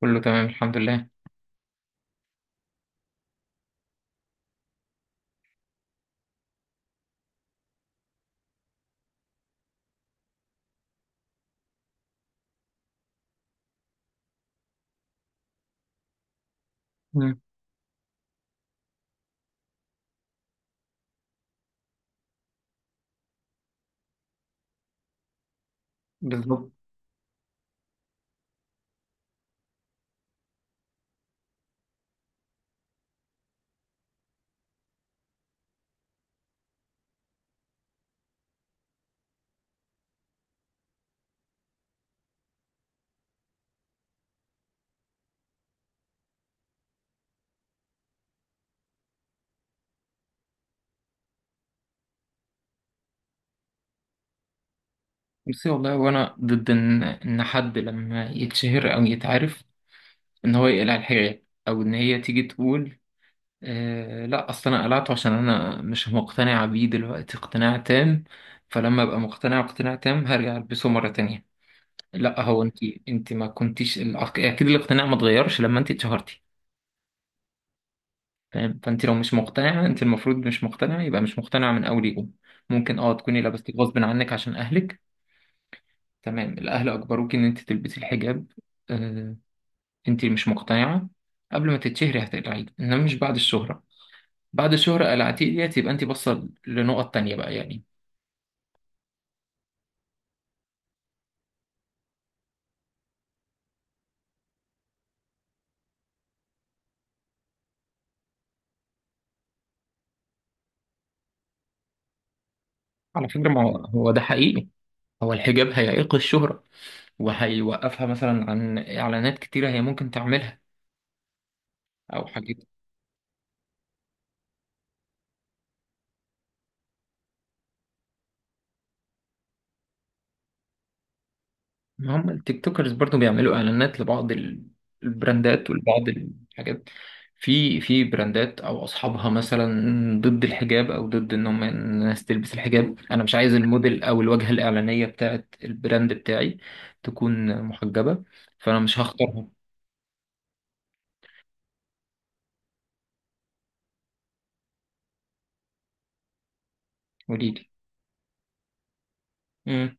كله تمام الحمد لله. مم. بالظبط. بصي والله، وانا ضد ان حد لما يتشهر او يتعرف ان هو يقلع الحجاب، او ان هي تيجي تقول آه لا اصل انا قلعته عشان انا مش مقتنعه بيه دلوقتي اقتناع تام. فلما ابقى مقتنعه اقتناع تام هرجع البسه مره تانية. لا هو انت، انت ما كنتيش الأق- اكيد الاقتناع ما اتغيرش لما انت اتشهرتي. فاهم؟ فانت لو مش مقتنعه، انت المفروض مش مقتنعه، يبقى مش مقتنعه من اول يوم. ممكن اه تكوني لبستي غصب عنك عشان اهلك، تمام، الأهل أجبروك إن أنت تلبسي الحجاب. آه، أنت مش مقتنعة، قبل ما تتشهري هتقلعيه، إنما مش بعد الشهرة. بعد الشهرة قلعتيه ديت، يبقى أنت باصة لنقط تانية بقى يعني. على فكرة، ما هو هو ده حقيقي، هو الحجاب هيعيق الشهرة وهيوقفها مثلا عن إعلانات كتيرة هي ممكن تعملها، أو حاجات. ما هم التيك توكرز برضو بيعملوا اعلانات لبعض البراندات ولبعض الحاجات. في براندات او اصحابها مثلا ضد الحجاب، او ضد ان هم الناس تلبس الحجاب. انا مش عايز الموديل او الواجهه الاعلانيه بتاعت البراند بتاعي تكون محجبه، فانا مش هختارها. قولي لي. امم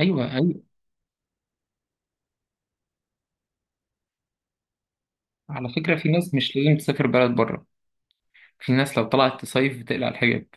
ايوه ايوه. على فكره، في ناس مش لازم تسافر بلد بره، في ناس لو طلعت تصيف بتقلع الحجاب.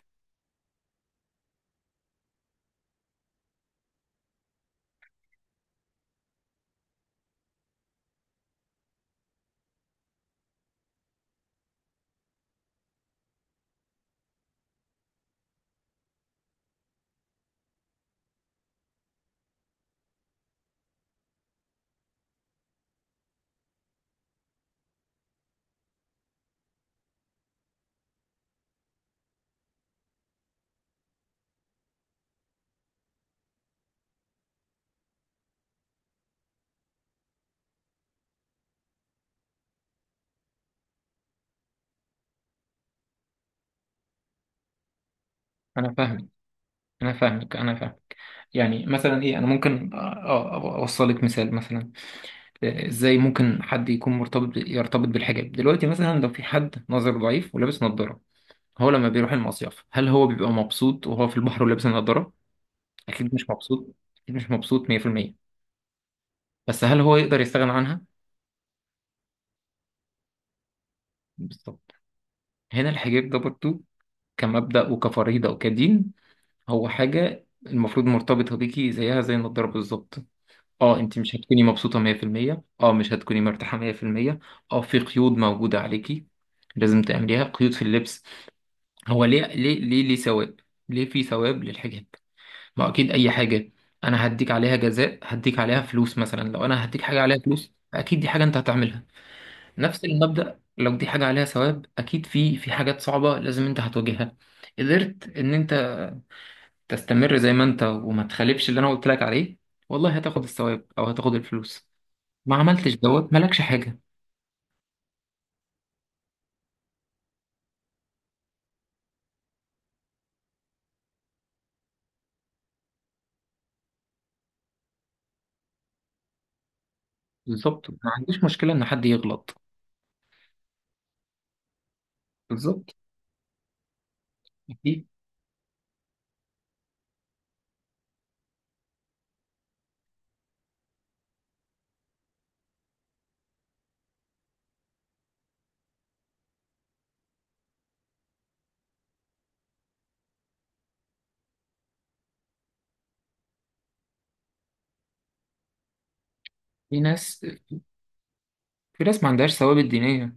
انا فاهمك، انا فاهمك. يعني مثلا ايه، انا ممكن اوصلك مثال مثلا، ازاي ممكن حد يكون مرتبط يرتبط بالحجاب دلوقتي. مثلا لو في حد نظر ضعيف ولابس نظارة، هو لما بيروح المصيف هل هو بيبقى مبسوط وهو في البحر ولابس النظارة؟ اكيد مش مبسوط، اكيد مش مبسوط 100%. بس هل هو يقدر يستغنى عنها؟ بالظبط. هنا الحجاب ده برضه، كمبدأ وكفريضة وكدين، هو حاجة المفروض مرتبطة بيكي زيها زي النضارة بالظبط. اه، انت مش هتكوني مبسوطة 100%، اه مش هتكوني مرتاحة 100%، اه في قيود موجودة عليكي لازم تعمليها، قيود في اللبس. هو ليه، ليه ثواب؟ ليه في ثواب للحجاب؟ ما هو اكيد اي حاجه انا هديك عليها جزاء، هديك عليها فلوس مثلا، لو انا هديك حاجه عليها فلوس اكيد دي حاجه انت هتعملها. نفس المبدا، لو دي حاجه عليها ثواب، اكيد في حاجات صعبه لازم انت هتواجهها. قدرت ان انت تستمر زي ما انت وما تخالفش اللي انا قلت لك عليه، والله هتاخد الثواب او هتاخد الفلوس. ما عملتش دوت مالكش حاجه. بالظبط، ما عنديش مشكله ان حد يغلط. بالظبط. في في في ناس ما عندهاش ثوابت دينيه.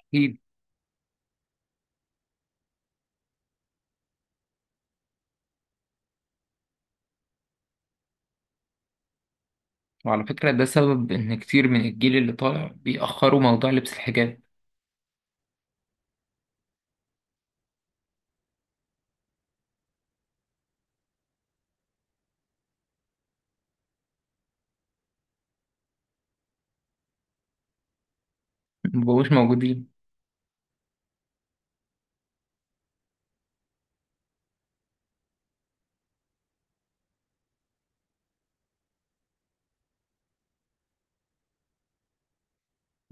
أكيد. وعلى فكرة ده سبب إن كتير من الجيل اللي طالع بيأخروا موضوع لبس الحجاب. مبقوش موجودين.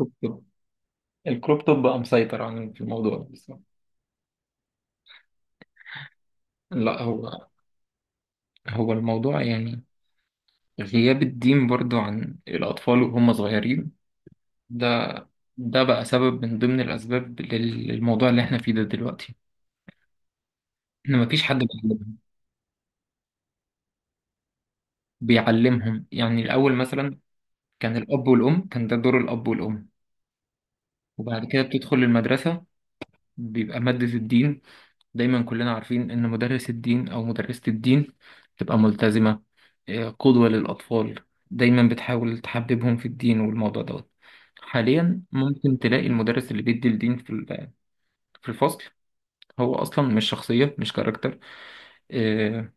الكروب توب، الكروب توب بقى مسيطر عن في الموضوع ده بصراحة. لا هو، هو الموضوع يعني غياب الدين برضو عن الأطفال وهم صغيرين، ده ده بقى سبب من ضمن الأسباب للموضوع اللي احنا فيه ده دلوقتي. إن مفيش حد بيعلمهم، بيعلمهم يعني. الأول مثلا كان الأب والأم، كان ده دور الأب والأم. وبعد كده بتدخل المدرسة، بيبقى مادة الدين، دايما كلنا عارفين إن مدرس الدين أو مدرسة الدين تبقى ملتزمة، قدوة للأطفال، دايما بتحاول تحببهم في الدين والموضوع دوت. حاليا ممكن تلاقي المدرس اللي بيدي الدين في في الفصل، هو أصلا مش شخصية، مش كاركتر. آه،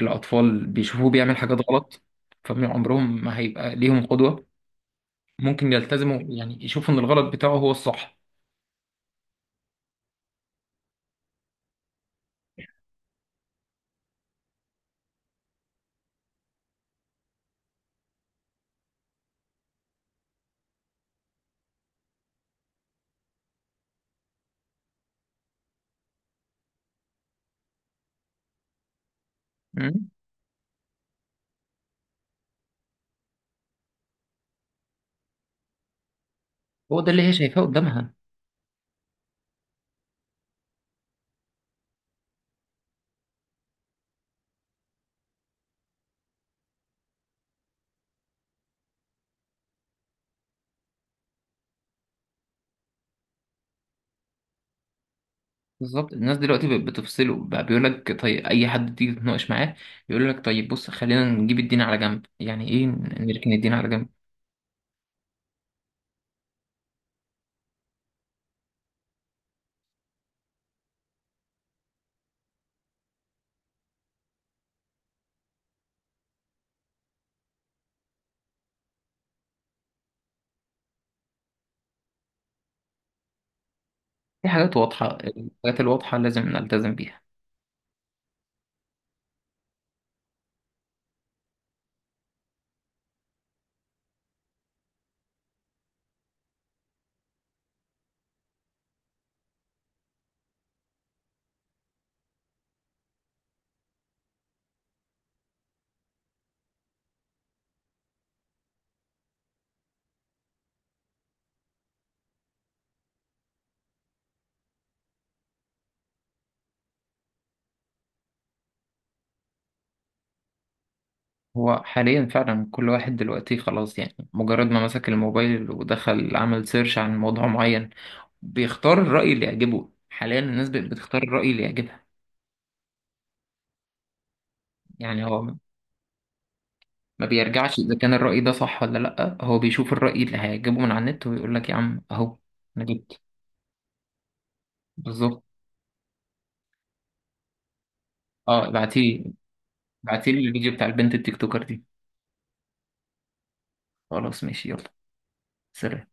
الأطفال بيشوفوه بيعمل حاجات غلط، فمن عمرهم ما هيبقى ليهم قدوة. ممكن يلتزموا، يعني يشوفوا إن الغلط بتاعه هو الصح. مم. هو ده اللي هي شايفاه قدامها. بالظبط. الناس دلوقتي بقت بتفصله بقى، بيقول لك طيب اي حد تيجي تتناقش معاه يقول لك طيب بص خلينا نجيب الدين على جنب. يعني ايه نركن الدين على جنب؟ في حاجات واضحة، الحاجات الواضحة لازم نلتزم بيها. هو حاليا فعلا كل واحد دلوقتي خلاص، يعني مجرد ما مسك الموبايل ودخل عمل سيرش عن موضوع معين بيختار الرأي اللي يعجبه. حاليا الناس بقت بتختار الرأي اللي يعجبها. يعني هو ما بيرجعش إذا كان الرأي ده صح ولا لأ، هو بيشوف الرأي اللي هيعجبه من على النت ويقول لك يا عم أهو أنا جبت. بالظبط. اه بعتيلي، بعتيلي الفيديو بتاع البنت التيك توكر دي. خلاص ماشي، يلا. سلام.